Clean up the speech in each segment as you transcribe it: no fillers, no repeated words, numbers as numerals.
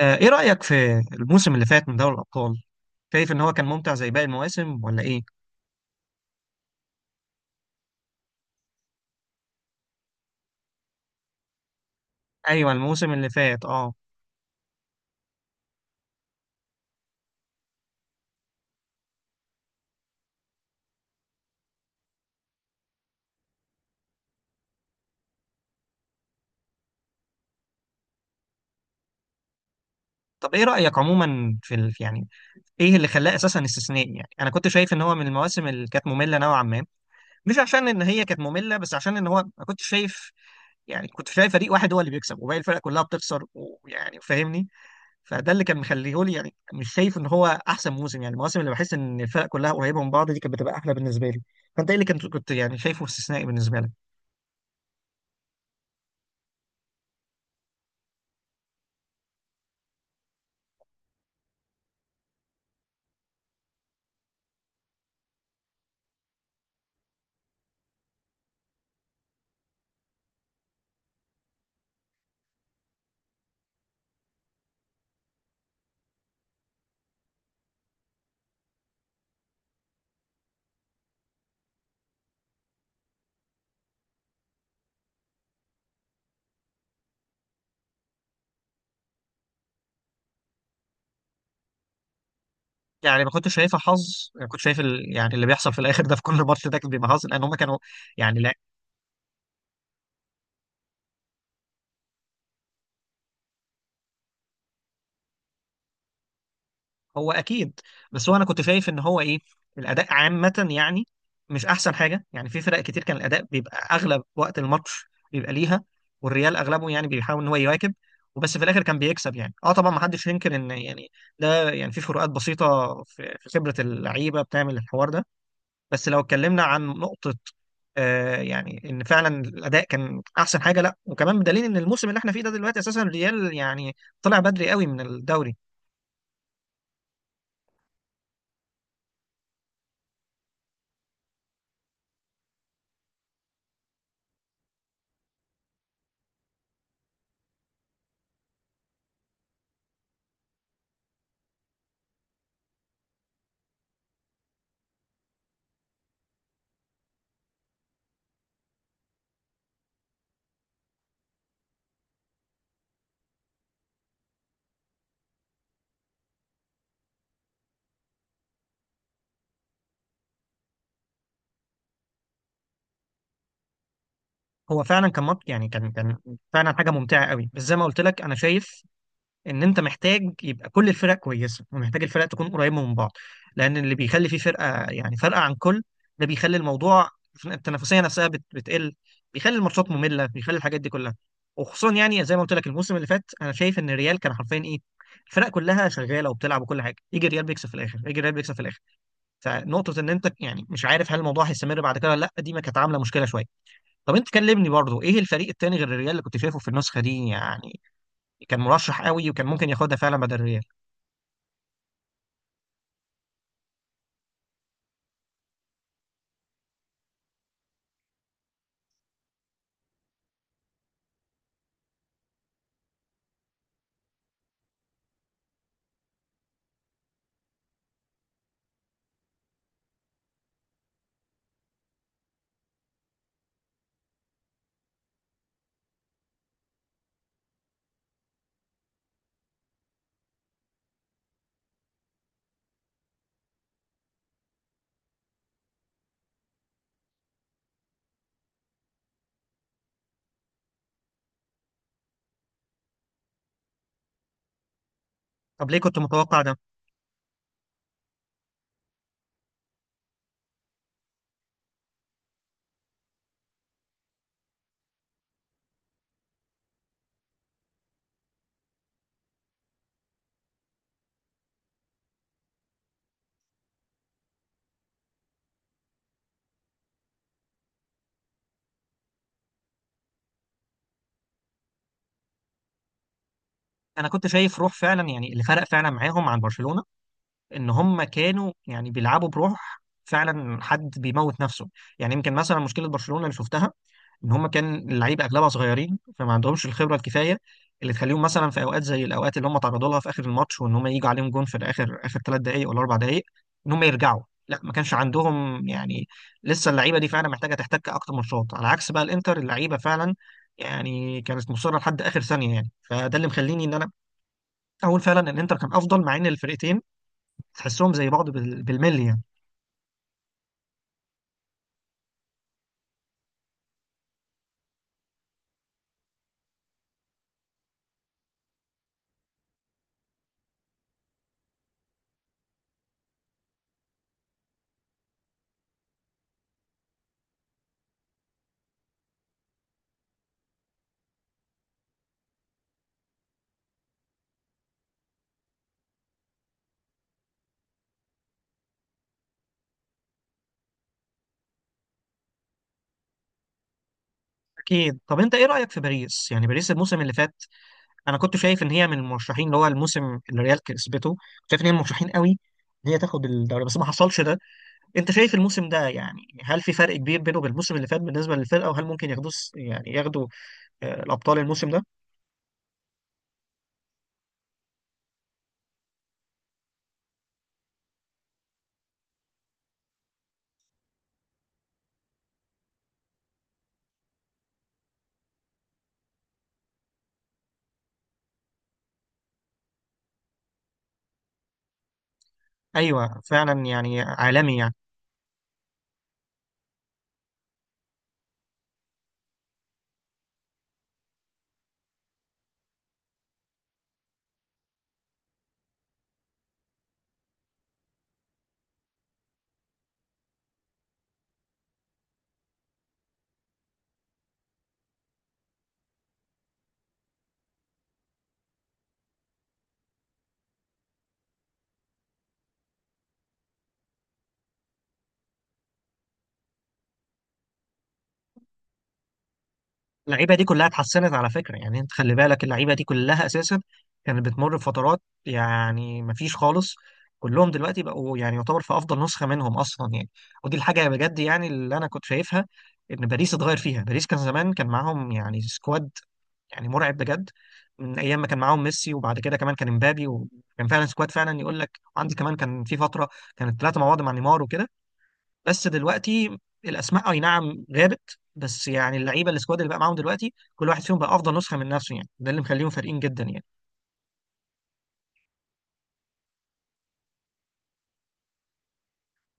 ايه رأيك في الموسم اللي فات من دوري الأبطال؟ شايف ان هو كان ممتع زي باقي المواسم ولا ايه؟ ايوه، الموسم اللي فات اه طب، ايه رأيك عموما يعني ايه اللي خلاه اساسا استثنائي؟ يعني انا كنت شايف ان هو من المواسم اللي كانت مملة نوعا ما، مش عشان ان هي كانت مملة، بس عشان ان هو ما كنتش شايف. يعني كنت شايف فريق واحد هو اللي بيكسب وباقي الفرق كلها بتخسر، ويعني فاهمني، فده اللي كان مخليه لي يعني مش شايف ان هو احسن موسم. يعني المواسم اللي بحس ان الفرق كلها قريبة من بعض دي كانت بتبقى احلى بالنسبة لي. فانت ايه اللي كنت يعني شايفه استثنائي بالنسبة لك؟ يعني ما كنتش شايفها حظ، يعني كنت يعني اللي بيحصل في الاخر ده في كل ماتش ده كان بيبقى حظ، لان هم كانوا يعني. لا، هو اكيد، بس هو انا كنت شايف ان هو ايه، الاداء عامه يعني مش احسن حاجه. يعني في فرق كتير كان الاداء بيبقى اغلب وقت الماتش بيبقى ليها، والريال اغلبه يعني بيحاول ان هو يواكب، وبس في الاخر كان بيكسب يعني طبعا، ما حدش ينكر ان يعني ده يعني في فروقات بسيطه في خبره اللعيبه بتعمل الحوار ده. بس لو اتكلمنا عن نقطة يعني ان فعلا الاداء كان احسن حاجة، لا. وكمان بدليل ان الموسم اللي احنا فيه ده دلوقتي اساسا الريال يعني طلع بدري قوي من الدوري. هو فعلا كان مط يعني كان كان فعلا حاجة ممتعة قوي. بس زي ما قلت لك، انا شايف ان انت محتاج يبقى كل الفرق كويسه، ومحتاج الفرق تكون قريبه من بعض. لان اللي بيخلي فيه فرقه، يعني فرقه عن كل، ده بيخلي الموضوع، التنافسيه نفسها بتقل، بيخلي الماتشات ممله، بيخلي الحاجات دي كلها. وخصوصا يعني زي ما قلت لك، الموسم اللي فات انا شايف ان الريال كان حرفيا ايه، الفرق كلها شغاله وبتلعب وكل حاجه، يجي الريال بيكسب في الاخر، يجي الريال بيكسب في الاخر. فنقطه ان انت يعني مش عارف هل الموضوع هيستمر بعد كده ولا لا، دي ما كانت عامله مشكله شويه. طب انت كلمني برضو، ايه الفريق التاني غير الريال اللي كنت شايفه في النسخه دي، يعني كان مرشح قوي وكان ممكن ياخدها فعلا بدل الريال؟ طب ليه كنت متوقع ده؟ انا كنت شايف روح فعلا، يعني اللي فرق فعلا معاهم عن برشلونة ان هم كانوا يعني بيلعبوا بروح، فعلا حد بيموت نفسه. يعني يمكن مثلا مشكلة برشلونة اللي شفتها ان هم كان اللعيبه اغلبها صغيرين، فما عندهمش الخبره الكفايه اللي تخليهم مثلا في اوقات زي الاوقات اللي هم تعرضوا لها في اخر الماتش، وان هم يجوا عليهم جون في الاخر اخر 3 دقائق ولا 4 دقائق، ان هم يرجعوا. لا، ما كانش عندهم يعني. لسه اللعيبه دي فعلا محتاجه تحتك اكتر ماتشات، على عكس بقى الانتر، اللعيبه فعلا يعني كانت مصره لحد اخر ثانيه. يعني فده اللي مخليني ان انا اقول فعلا ان الانتر كان افضل، مع ان الفرقتين تحسهم زي بعض بالملي يعني. اكيد. طب انت ايه رايك في باريس، يعني باريس الموسم اللي فات انا كنت شايف ان هي من المرشحين، اللي هو الموسم اللي ريال كسبته، كنت شايف ان هي من المرشحين قوي ان هي تاخد الدوري، بس ما حصلش ده. انت شايف الموسم ده، يعني هل في فرق كبير بينه وبين الموسم اللي فات بالنسبه للفرقه، وهل ممكن ياخدوه يعني ياخدوا الابطال الموسم ده؟ ايوه فعلا، يعني عالمي يعني. اللعيبه دي كلها اتحسنت على فكره، يعني انت خلي بالك اللعيبه دي كلها اساسا كانت بتمر بفترات، يعني مفيش خالص. كلهم دلوقتي بقوا يعني يعتبر في افضل نسخه منهم اصلا يعني. ودي الحاجه بجد يعني اللي انا كنت شايفها، ان باريس اتغير فيها. باريس كان زمان، كان معاهم يعني سكواد يعني مرعب بجد، من ايام ما كان معاهم ميسي، وبعد كده كمان كان امبابي، وكان فعلا سكواد فعلا يقول لك عندي، كمان كان في فتره كانت ثلاثه مع بعض مع نيمار وكده. بس دلوقتي الاسماء اي نعم غابت، بس يعني اللعيبه، السكواد اللي بقى معاهم دلوقتي، كل واحد فيهم بقى افضل نسخه من نفسه، يعني ده اللي مخليهم فارقين جدا يعني.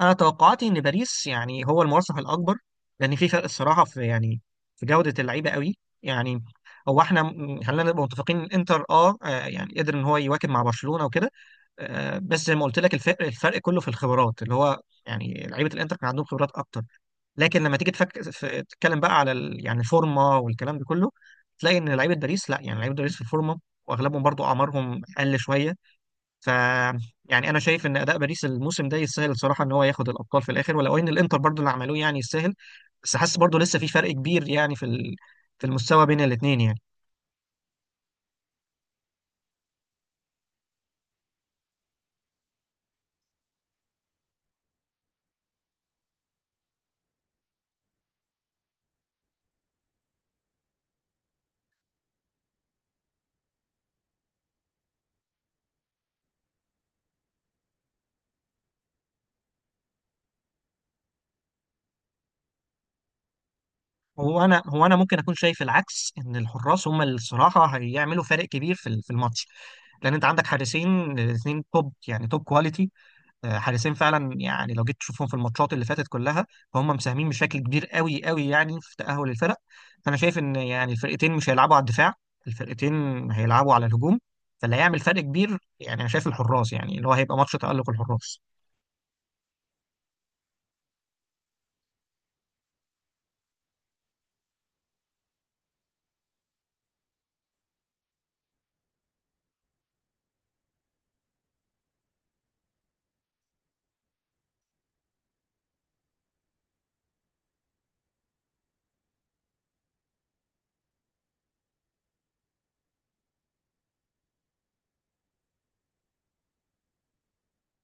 انا توقعاتي ان باريس يعني هو المرشح الاكبر، لان في فرق الصراحه، في يعني في جوده اللعيبه قوي يعني. هو احنا خلينا نبقى متفقين إن انتر يعني قدر ان هو يواكب مع برشلونه وكده. بس زي ما قلت لك، الفرق كله في الخبرات اللي هو يعني لعيبه الانتر كان عندهم خبرات اكتر، لكن لما تيجي تتكلم بقى على يعني الفورمه والكلام ده كله، تلاقي ان لعيبه باريس، لا، يعني لعيبه باريس في الفورمه، واغلبهم برضو اعمارهم اقل شويه. ف يعني انا شايف ان اداء باريس الموسم ده يستاهل الصراحه ان هو ياخد الابطال في الاخر، ولو ان الانتر برضو اللي عملوه يعني يستاهل. بس حاسس برضو لسه في فرق كبير يعني في المستوى بين الاثنين يعني. هو انا ممكن اكون شايف العكس، ان الحراس هم اللي الصراحه هيعملوا فارق كبير في الماتش، لان انت عندك حارسين الاثنين توب، يعني توب كواليتي. حارسين فعلا، يعني لو جيت تشوفهم في الماتشات اللي فاتت كلها، فهم مساهمين بشكل كبير قوي قوي يعني في تأهل الفرق. فانا شايف ان يعني الفرقتين مش هيلعبوا على الدفاع، الفرقتين هيلعبوا على الهجوم. فاللي هيعمل فرق كبير يعني انا شايف الحراس، يعني اللي هو هيبقى ماتش تألق الحراس.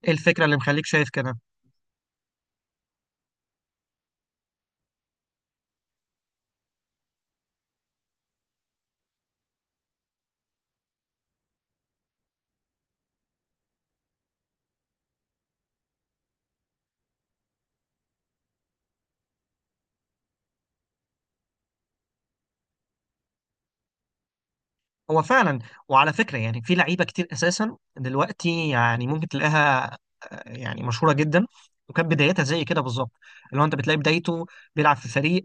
ايه الفكرة اللي مخليك شايف كده؟ هو فعلا. وعلى فكرة، يعني في لعيبة كتير اساسا دلوقتي يعني ممكن تلاقيها يعني مشهورة جدا، وكانت بدايتها زي كده بالظبط. اللي هو انت بتلاقي بدايته بيلعب في فريق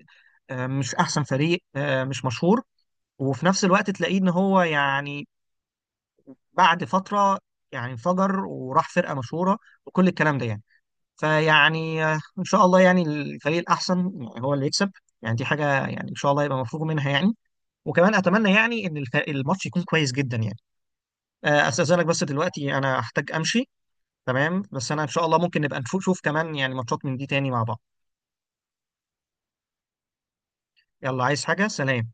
مش احسن فريق، مش مشهور، وفي نفس الوقت تلاقيه ان هو يعني بعد فتره يعني انفجر وراح فرقه مشهوره وكل الكلام ده يعني. فيعني ان شاء الله يعني الفريق الاحسن يعني هو اللي يكسب. يعني دي حاجه يعني ان شاء الله يبقى مفروغ منها يعني. وكمان اتمنى يعني ان الماتش يكون كويس جدا يعني. استاذنك بس دلوقتي انا هحتاج امشي. تمام، بس انا ان شاء الله ممكن نبقى نشوف كمان يعني ماتشات من دي تاني مع بعض. يلا، عايز حاجه؟ سلام.